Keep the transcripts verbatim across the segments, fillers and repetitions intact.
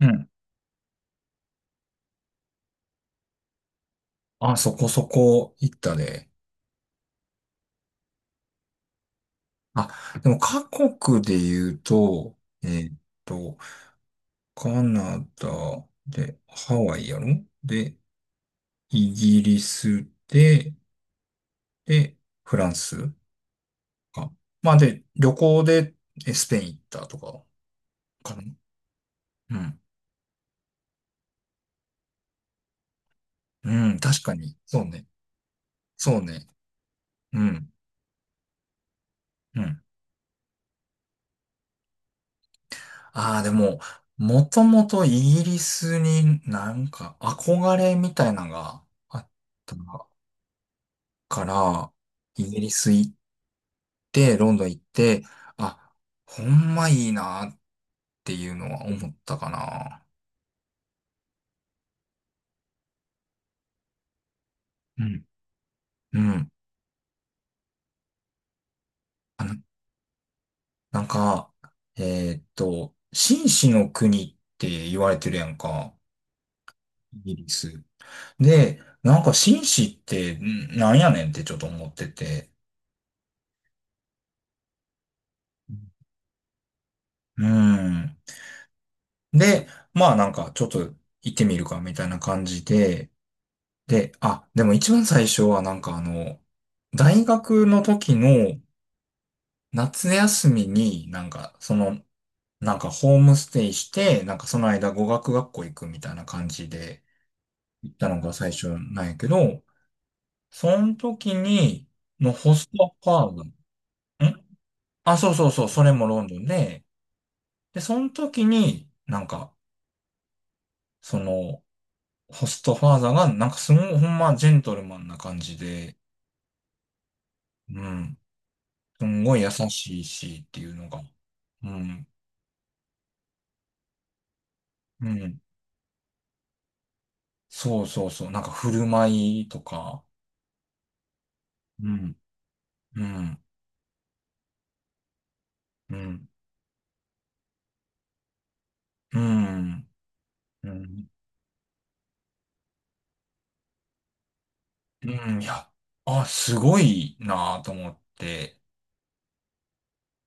うん。あ、そこそこ行ったね。あ、でも各国で言うと、えーっと、カナダで、ハワイやろ。で、イギリスで、で、フランスか。まあで、旅行でえスペイン行ったとか、かな。うん。うん、確かに。そうね。そうね。うん。うん。ああ、でも、もともとイギリスになんか憧れみたいなのがあったなからイギリス行って、ロンドン行って、あ、ほんまいいなっていうのは思ったかな。うん。うん。あの、なんか、えーっと、紳士の国って言われてるやんか。イギリス。で、なんか紳士ってんなんやねんってちょっと思ってて。うんうん。で、まあなんかちょっと行ってみるかみたいな感じで、で、あ、でも一番最初はなんかあの、大学の時の夏休みになんかその、なんかホームステイして、なんかその間語学学校行くみたいな感じで行ったのが最初なんやけど、その時に、のホストファーム。んあ、そうそうそう、それもロンドンで、で、その時になんか、その、ホストファーザーがなんかすごいほんまジェントルマンな感じで、うん。すんごい優しいしっていうのが。うん。うん。そうそうそう。なんか振る舞いとか。うん。うん。うん。うん。うん。うん。いや、あ、すごいなぁと思って。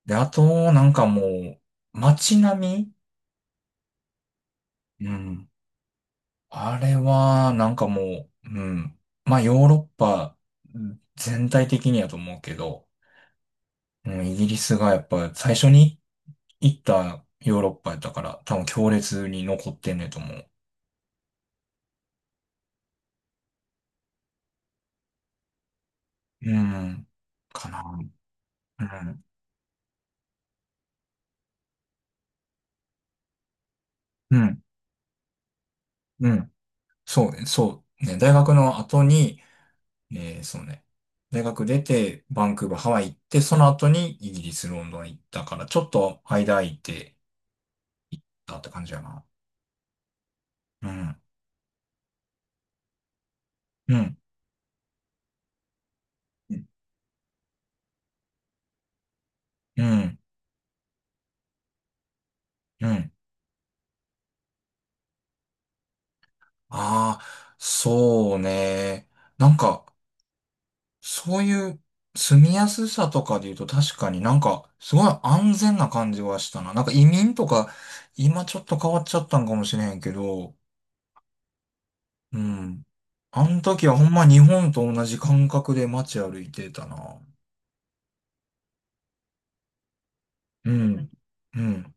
で、あと、なんかもう、街並みうん。あれは、なんかもう、うん。まあ、ヨーロッパ全体的にやと思うけど、うん、イギリスがやっぱ最初に行ったヨーロッパやったから、多分強烈に残ってんねんと思う。うん。かな。うん。うん。うん。そうね。そう。ね。大学の後に、えー、そうね。大学出て、バンクーバー、ハワイ行って、その後にイギリス、ロンドン行ったから、ちょっと間空いてたって感じやな。うん。うん。うん。うん。ああ、そうね。なんか、そういう住みやすさとかで言うと確かになんかすごい安全な感じはしたな。なんか移民とか今ちょっと変わっちゃったんかもしれへんけど、うん。あの時はほんま日本と同じ感覚で街歩いてたな。うん。うん。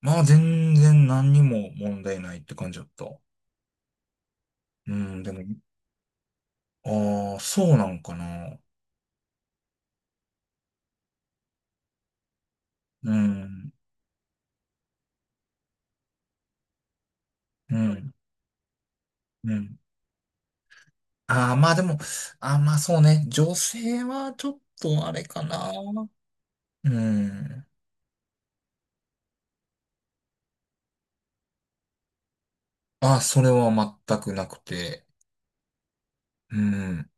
まあ全然何にも問題ないって感じだった。うん。でも、ああ、そうなんかな。うん。うん。うん。ああ、まあでも、ああ、まあそうね。女性はちょっとあれかな。うん。あ、それは全くなくて。うん。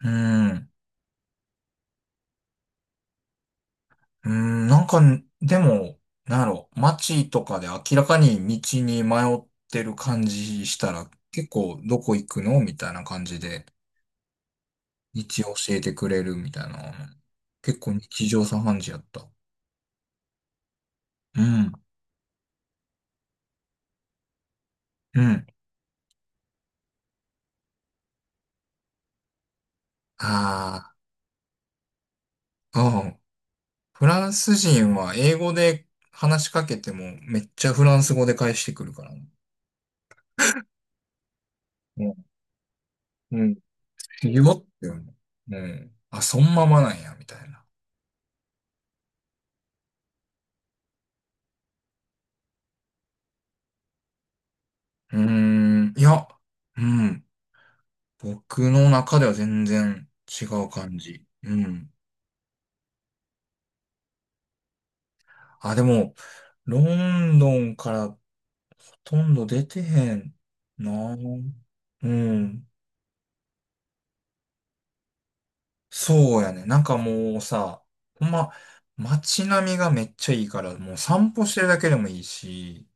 うん。うん。なんか、でも、なんやろ、街とかで明らかに道に迷ってる感じしたら、結構どこ行くのみたいな感じで、道教えてくれるみたいな。結構日常茶飯事やった。うん。うん。ああ、うん。フランス人は英語で話しかけてもめっちゃフランス語で返してくるからな。うん。よって思う。うん。あ、そんままなんや、みたいな。うーん。いや、うん。僕の中では全然違う感じ。うん。あ、でも、ロンドンからほとんど出てへんな。うん。そうやね。なんかもうさ、ほんま、街並みがめっちゃいいから、もう散歩してるだけでもいいし、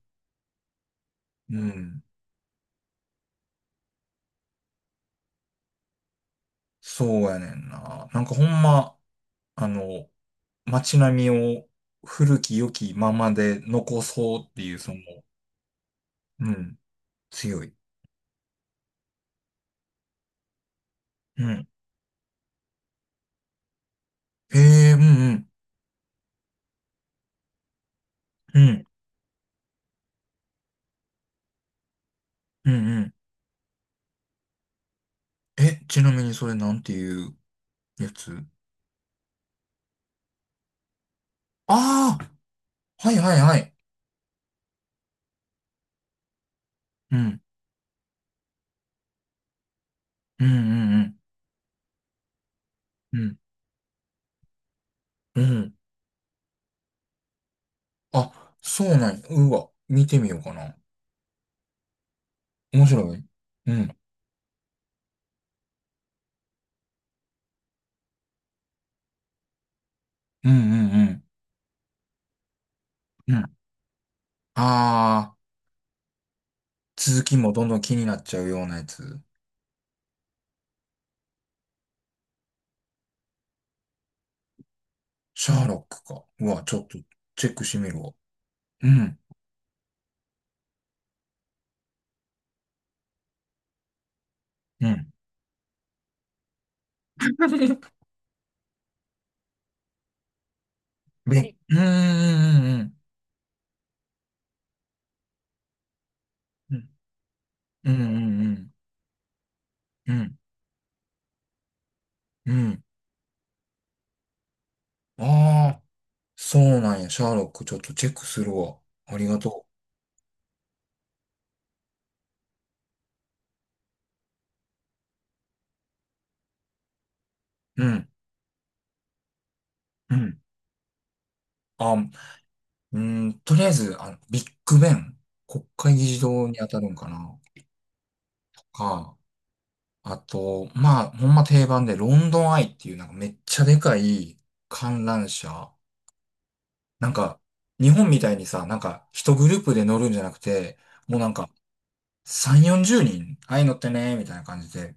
うん。そうやねんな。なんかほんま、あの、街並みを古き良きままで残そうっていう、その、うん、強い。うん。ええうんうん。うん。うんうん。え、ちなみにそれなんていうやつ。ああー、はいはいはい。うん。うんうんうん。うん。うん。あ、そうなんや。うわ、見てみようかな。面白い。うん。うんうんうん。うん。ああ、続きもどんどん気になっちゃうようなやつ。シャーロックか。うわ、ちょっとチェックしてみるわ。うん。うん。べ、うーん、うん、うん、うん、うん、うん、うん。うんああー、そうなんや。シャーロック、ちょっとチェックするわ。ありがとう。うん、うん。あ、うーん、とりあえず、あの、ビッグベン、国会議事堂に当たるんかな。とか、あと、まあ、ほんま定番で、ロンドンアイっていう、なんかめっちゃでかい観覧車。なんか、日本みたいにさ、なんか、一グループで乗るんじゃなくて、もうなんか、さんじゅう、よんじゅうにんああいうのってね、みたいな感じで。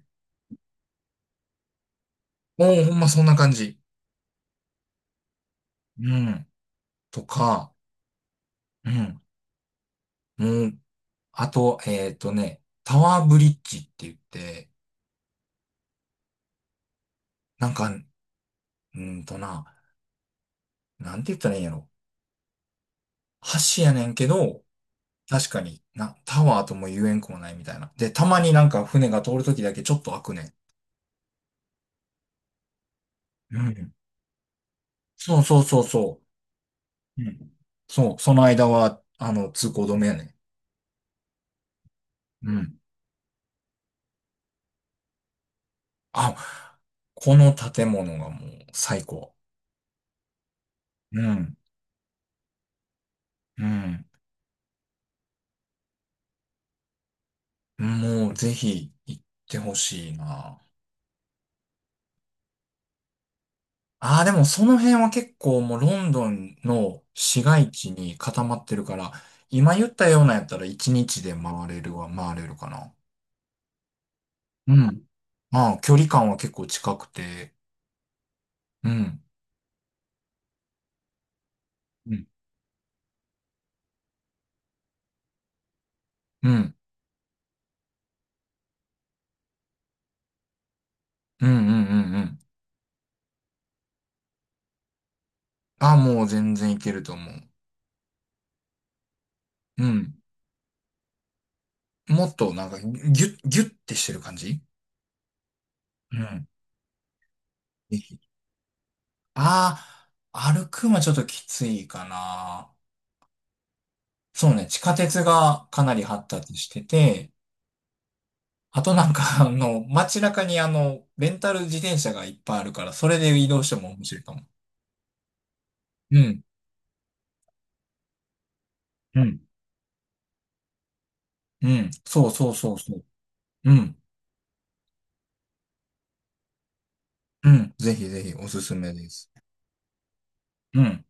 もうほんまそんな感じ。うん。とか、うん。もう、あと、えっとね、タワーブリッジって言って、なんか、うーんとな、なんて言ったらいいんやろ。橋やねんけど、確かにな、タワーとも言えんくもないみたいな。で、たまになんか船が通るときだけちょっと開くねん。うん。そうそうそうそう。うん。そう、その間は、あの、通行止めやねん。うん。あ、この建物がもう最高。うん、うん。もうぜひ行ってほしいな。ああ、でもその辺は結構もうロンドンの市街地に固まってるから、今言ったようなやったらいちにちで回れるは回れるかな。うん。ああ、距離感は結構近くて、うん。うん。うん。うんうんうんうん。ああ、もう全然いけると思う。うん。もっとなんかギュッ、ギュッてしてる感じうん。ああ、歩くんはちょっときついかな。そうね、地下鉄がかなり発達してて、あとなんか、あの、街中にあの、レンタル自転車がいっぱいあるから、それで移動しても面白いかも。うん、うん、うん、そうそうそうそう。うん、うん、ぜひぜひおすすめです。うん。